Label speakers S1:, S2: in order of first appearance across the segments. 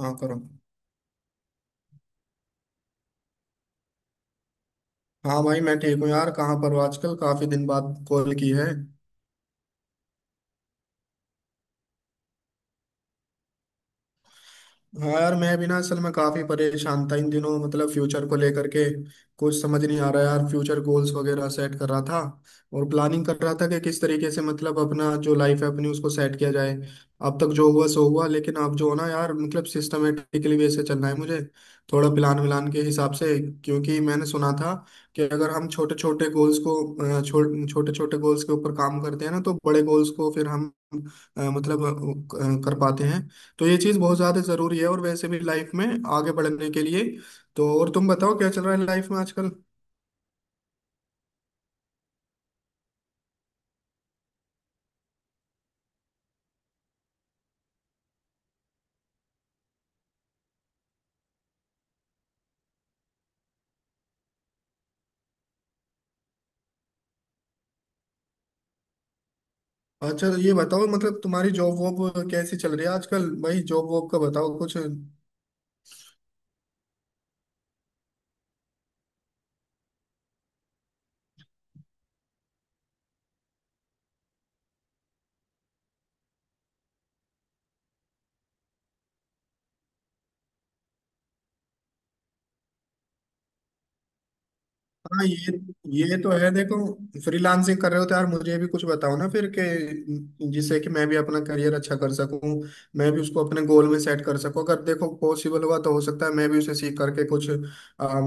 S1: हाँ करो। हाँ भाई मैं ठीक हूँ यार। कहाँ पर हो आजकल? काफी दिन बाद कॉल की है। हाँ यार मैं भी ना, असल में काफी परेशान था इन दिनों, मतलब फ्यूचर को लेकर के। कुछ समझ नहीं आ रहा यार। फ्यूचर गोल्स वगैरह सेट कर रहा था और प्लानिंग कर रहा था कि किस तरीके से, मतलब अपना जो लाइफ है अपनी, उसको सेट किया जाए। अब तक जो हुआ सो हुआ, लेकिन अब जो है ना यार, मतलब सिस्टमेटिकली वैसे चलना है मुझे, थोड़ा प्लान व्लान के हिसाब से। क्योंकि मैंने सुना था कि अगर हम छोटे छोटे गोल्स को, छोटे छोटे गोल्स के ऊपर काम करते हैं ना, तो बड़े गोल्स को फिर हम मतलब कर पाते हैं। तो ये चीज़ बहुत ज़्यादा ज़रूरी है, और वैसे भी लाइफ में आगे बढ़ने के लिए। तो और तुम बताओ, क्या चल रहा है लाइफ में आजकल? अच्छा ये बताओ, मतलब तुम्हारी जॉब वॉब कैसी चल रही है आजकल? भाई जॉब वॉब का बताओ कुछ। हाँ, ये तो है देखो। फ्रीलांसिंग कर रहे हो तो यार मुझे भी कुछ बताओ ना फिर के, जिससे कि मैं भी अपना करियर अच्छा कर सकूं, मैं भी उसको अपने गोल में सेट कर सकूं। अगर देखो पॉसिबल हुआ तो हो सकता है मैं भी उसे सीख करके कुछ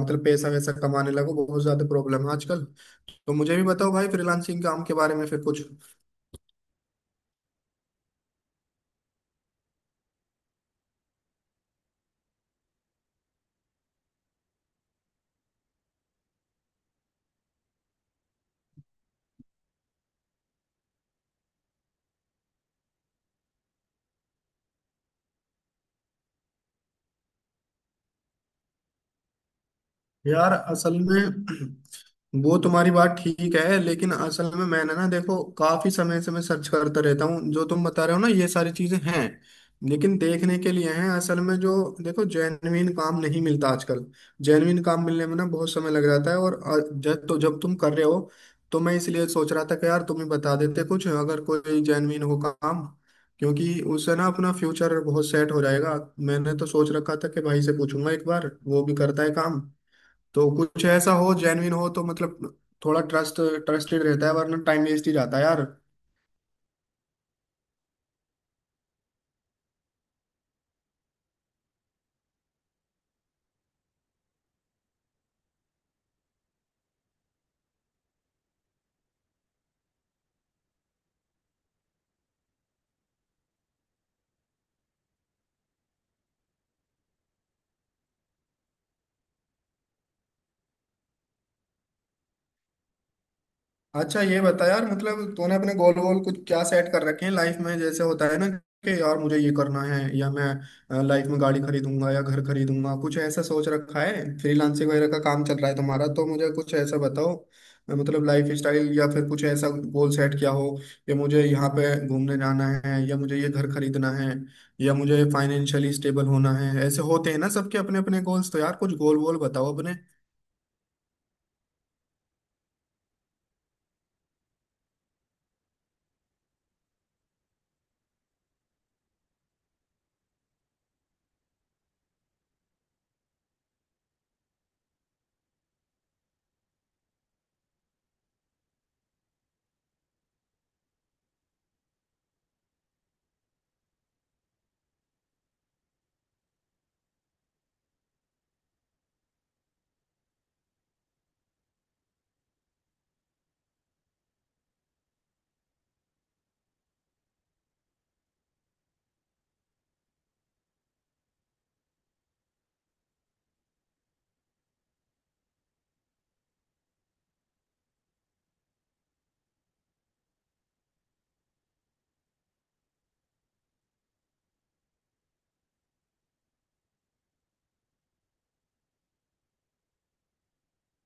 S1: मतलब पैसा वैसा कमाने लगूं। बहुत ज़्यादा प्रॉब्लम है आजकल। तो मुझे भी बताओ भाई फ्रीलांसिंग काम के बारे में फिर कुछ। यार असल में, वो तुम्हारी बात ठीक है, लेकिन असल में मैंने ना देखो, काफी समय से मैं सर्च करता रहता हूँ। जो तुम बता रहे हो ना, ये सारी चीजें हैं लेकिन देखने के लिए हैं असल में। जो देखो, जेन्युइन काम नहीं मिलता आजकल। जेन्युइन काम मिलने में ना बहुत समय लग जाता है। और जब तुम कर रहे हो तो मैं इसलिए सोच रहा था कि यार तुम ही बता देते कुछ, अगर कोई जेन्युइन हो काम। क्योंकि उससे ना अपना फ्यूचर बहुत सेट हो जाएगा। मैंने तो सोच रखा था कि भाई से पूछूंगा एक बार, वो भी करता है काम, तो कुछ ऐसा हो जेन्युइन हो तो मतलब थोड़ा ट्रस्टेड रहता है, वरना टाइम वेस्ट ही जाता है यार। अच्छा ये बता यार, मतलब तूने अपने गोल गोल कुछ क्या सेट कर रखे हैं लाइफ में? जैसे होता है ना कि यार मुझे ये करना है, या मैं लाइफ में गाड़ी खरीदूंगा या घर खरीदूंगा, कुछ ऐसा सोच रखा है? फ्रीलांसिंग वगैरह का काम चल रहा है तुम्हारा, तो मुझे कुछ ऐसा बताओ, मतलब लाइफ स्टाइल, या फिर कुछ ऐसा गोल सेट किया हो कि मुझे यहाँ पे घूमने जाना है, या मुझे ये घर खरीदना है, या मुझे फाइनेंशियली स्टेबल होना है। ऐसे होते हैं ना सबके अपने अपने गोल्स। तो यार कुछ गोल गोल बताओ अपने।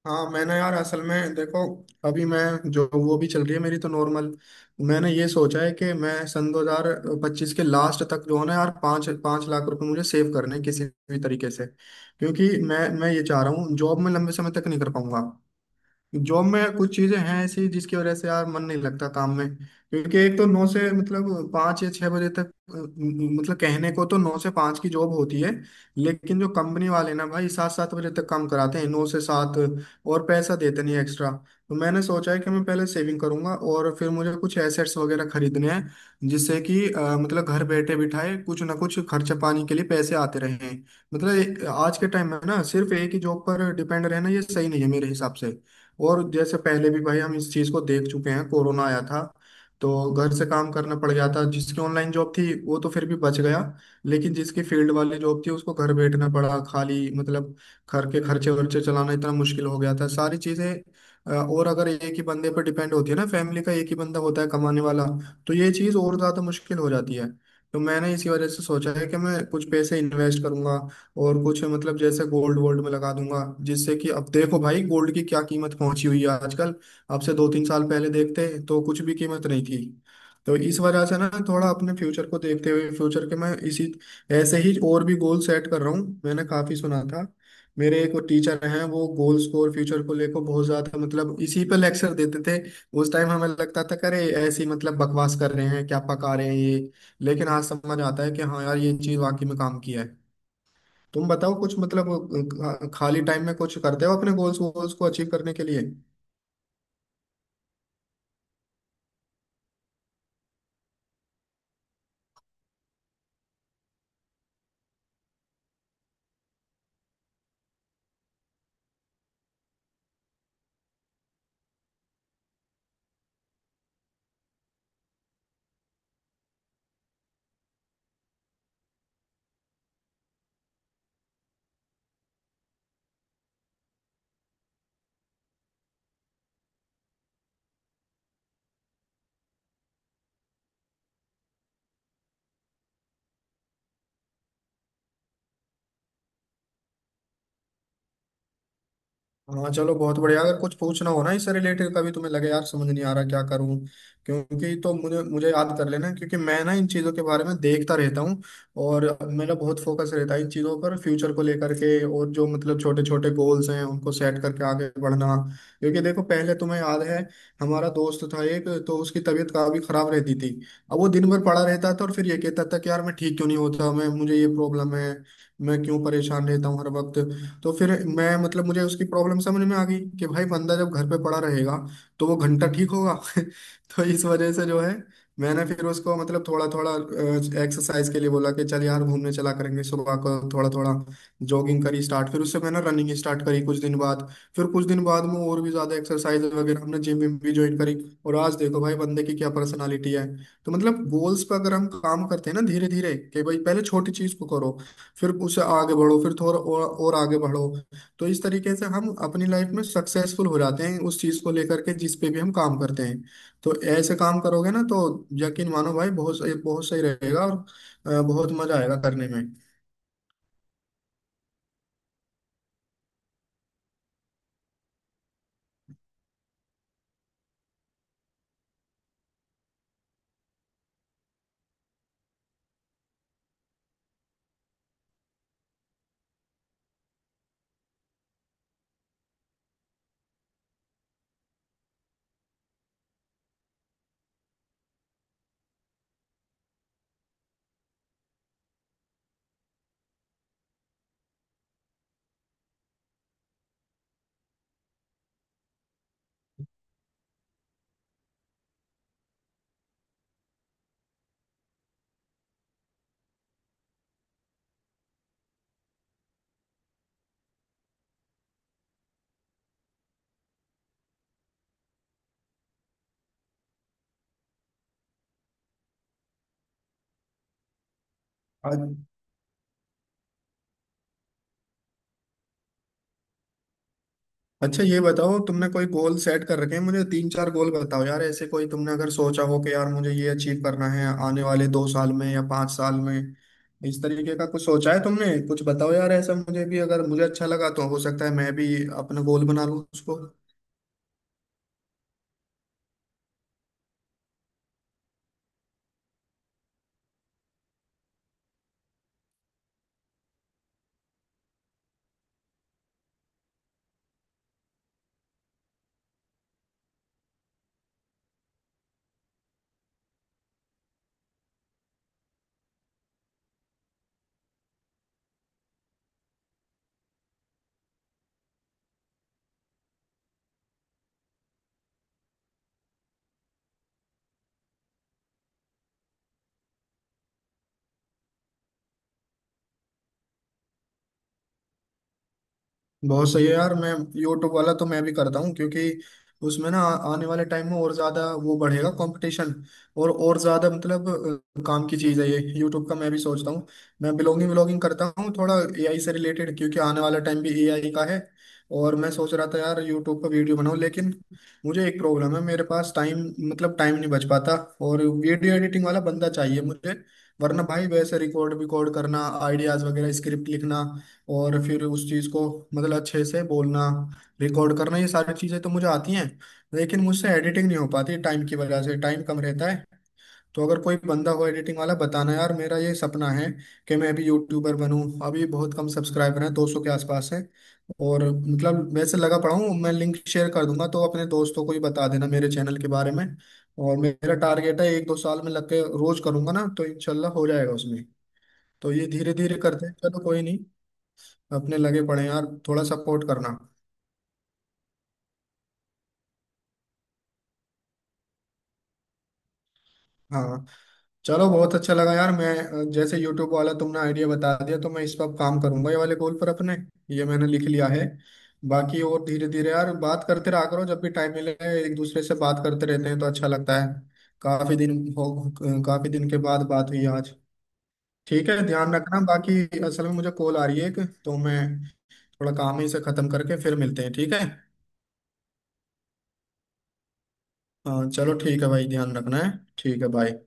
S1: हाँ मैंने यार असल में देखो, अभी मैं जो, वो भी चल रही है मेरी तो नॉर्मल। मैंने ये सोचा है कि मैं सन 2025 के लास्ट तक, जो है ना यार, 5-5 लाख रुपए मुझे सेव करने हैं किसी भी तरीके से, क्योंकि मैं ये चाह रहा हूँ, जॉब में लंबे समय तक नहीं कर पाऊंगा। जॉब में कुछ चीजें हैं ऐसी जिसकी वजह से यार मन नहीं लगता काम में। क्योंकि एक तो नौ से, मतलब 5 या 6 बजे तक, मतलब कहने को तो 9 से 5 की जॉब होती है, लेकिन जो कंपनी वाले ना भाई, 7-7 बजे तक काम कराते हैं, 9 से 7, और पैसा देते नहीं एक्स्ट्रा। तो मैंने सोचा है कि मैं पहले सेविंग करूंगा, और फिर मुझे कुछ एसेट्स वगैरह खरीदने हैं, जिससे कि मतलब घर बैठे बिठाए कुछ ना कुछ खर्चा पानी के लिए पैसे आते रहें। मतलब आज के टाइम में ना, सिर्फ एक ही जॉब पर डिपेंड रहना ये सही नहीं है मेरे हिसाब से। और जैसे पहले भी भाई हम इस चीज को देख चुके हैं, कोरोना आया था, तो घर से काम करना पड़ गया था। जिसकी ऑनलाइन जॉब थी वो तो फिर भी बच गया, लेकिन जिसकी फील्ड वाली जॉब थी उसको घर बैठना पड़ा खाली, मतलब घर के खर्चे वर्चे चलाना इतना मुश्किल हो गया था, सारी चीजें। और अगर एक ही बंदे पर डिपेंड होती है ना फैमिली, का एक ही बंदा होता है कमाने वाला, तो ये चीज और ज्यादा मुश्किल हो जाती है। तो मैंने इसी वजह से सोचा है कि मैं कुछ पैसे इन्वेस्ट करूंगा, और कुछ मतलब जैसे गोल्ड वोल्ड में लगा दूंगा। जिससे कि, अब देखो भाई गोल्ड की क्या कीमत पहुंची हुई है आजकल, अब से 2-3 साल पहले देखते तो कुछ भी कीमत नहीं थी। तो इस वजह से ना, थोड़ा अपने फ्यूचर को देखते हुए, फ्यूचर के मैं इसी ऐसे ही और भी गोल सेट कर रहा हूँ। मैंने काफी सुना था, मेरे एक टीचर हैं, वो गोल्स को और फ्यूचर को लेकर बहुत ज्यादा, मतलब इसी पे लेक्चर देते थे। उस टाइम हमें लगता था, करे ऐसी मतलब बकवास कर रहे हैं, क्या पका रहे हैं ये! लेकिन आज समझ आता है कि हाँ यार, ये चीज वाकई में काम किया है। तुम बताओ कुछ, मतलब खाली टाइम में कुछ करते हो अपने गोल्स वोल्स को अचीव करने के लिए? हाँ चलो बहुत बढ़िया। अगर कुछ पूछना हो ना इससे रिलेटेड, कभी तुम्हें लगे यार समझ नहीं आ रहा क्या करूं, क्योंकि, तो मुझे मुझे याद कर लेना, क्योंकि मैं ना इन चीज़ों के बारे में देखता रहता हूँ, और मेरा बहुत फोकस रहता है इन चीज़ों पर, फ्यूचर को लेकर के, और जो मतलब छोटे छोटे गोल्स हैं उनको सेट करके आगे बढ़ना। क्योंकि देखो पहले, तुम्हें याद है हमारा दोस्त था एक, तो उसकी तबीयत काफी खराब रहती थी। अब वो दिन भर पड़ा रहता था, और फिर ये कहता था कि यार मैं ठीक क्यों नहीं होता, मैं, मुझे ये प्रॉब्लम है, मैं क्यों परेशान रहता हूँ हर वक्त। तो फिर मैं मतलब मुझे उसकी प्रॉब्लम समझ में आ गई कि भाई बंदा जब घर पे पड़ा रहेगा, तो वो घंटा ठीक होगा। तो इस वजह से जो है, मैंने फिर उसको मतलब थोड़ा थोड़ा एक्सरसाइज के लिए बोला कि चल यार घूमने चला करेंगे सुबह को, थोड़ा थोड़ा जॉगिंग करी स्टार्ट। फिर उससे मैंने रनिंग स्टार्ट करी कुछ दिन बाद। फिर कुछ दिन बाद में और भी ज्यादा एक्सरसाइज वगैरह, हमने जिम विम भी ज्वाइन करी। और आज देखो भाई बंदे की क्या पर्सनालिटी है! तो मतलब गोल्स पर अगर हम काम करते हैं ना धीरे धीरे, कि भाई पहले छोटी चीज को करो, फिर उससे आगे बढ़ो, फिर थोड़ा और आगे बढ़ो, तो इस तरीके से हम अपनी लाइफ में सक्सेसफुल हो जाते हैं, उस चीज को लेकर के जिस पे भी हम काम करते हैं। तो ऐसे काम करोगे ना, तो यकीन मानो भाई, बहुत सही, बहुत सही रहेगा, और बहुत मजा आएगा करने में। अच्छा ये बताओ, तुमने कोई गोल सेट कर रखे हैं? मुझे 3-4 गोल बताओ यार, ऐसे कोई तुमने अगर सोचा हो कि यार मुझे ये अचीव करना है आने वाले 2 साल में या 5 साल में, इस तरीके का कुछ सोचा है तुमने? कुछ बताओ यार ऐसा, मुझे भी अगर मुझे अच्छा लगा तो हो सकता है मैं भी अपना गोल बना लूँ उसको। बहुत सही है यार। मैं, यूट्यूब वाला तो मैं भी करता हूँ, क्योंकि उसमें ना आने वाले टाइम में और ज्यादा वो बढ़ेगा, कंपटीशन और ज्यादा, मतलब काम की चीज है ये यूट्यूब का, मैं भी सोचता हूँ। मैं ब्लॉगिंग व्लॉगिंग करता हूँ थोड़ा एआई से रिलेटेड, क्योंकि आने वाला टाइम भी एआई का है। और मैं सोच रहा था यार यूट्यूब पर वीडियो बनाऊँ, लेकिन मुझे एक प्रॉब्लम है, मेरे पास टाइम, मतलब टाइम नहीं बच पाता, और वीडियो एडिटिंग वाला बंदा चाहिए मुझे। वरना भाई वैसे रिकॉर्ड विकॉर्ड करना, आइडियाज वगैरह, स्क्रिप्ट लिखना, और फिर उस चीज़ को मतलब अच्छे से बोलना, रिकॉर्ड करना, ये सारी चीज़ें तो मुझे आती हैं। लेकिन मुझसे एडिटिंग नहीं हो पाती टाइम की वजह से, टाइम कम रहता है। तो अगर कोई बंदा हो एडिटिंग वाला, बताना यार। मेरा ये सपना है कि मैं अभी यूट्यूबर बनूं। अभी बहुत कम सब्सक्राइबर हैं, 200 के आसपास है, और मतलब वैसे लगा पड़ा हूँ मैं। लिंक शेयर कर दूंगा तो अपने दोस्तों को ही बता देना मेरे चैनल के बारे में। और मेरा टारगेट है 1-2 साल में लग के रोज करूंगा ना, तो इंशाल्लाह हो जाएगा उसमें। तो ये धीरे धीरे करते हैं, चलो कोई नहीं। अपने लगे पड़े हैं यार, थोड़ा सपोर्ट करना। हाँ चलो बहुत अच्छा लगा यार। मैं, जैसे यूट्यूब वाला तुमने आइडिया बता दिया, तो मैं इस पर काम करूंगा ये वाले गोल पर अपने, ये मैंने लिख लिया है। बाकी और धीरे धीरे यार बात करते रहा करो जब भी टाइम मिले, एक दूसरे से बात करते रहते हैं तो अच्छा लगता है। काफी दिन हो, काफी दिन के बाद बात हुई आज। ठीक है ध्यान रखना बाकी। असल में मुझे कॉल आ रही है एक, तो मैं थोड़ा काम ही से खत्म करके फिर मिलते हैं, ठीक है? हाँ चलो ठीक है भाई, ध्यान रखना है। ठीक है, बाय।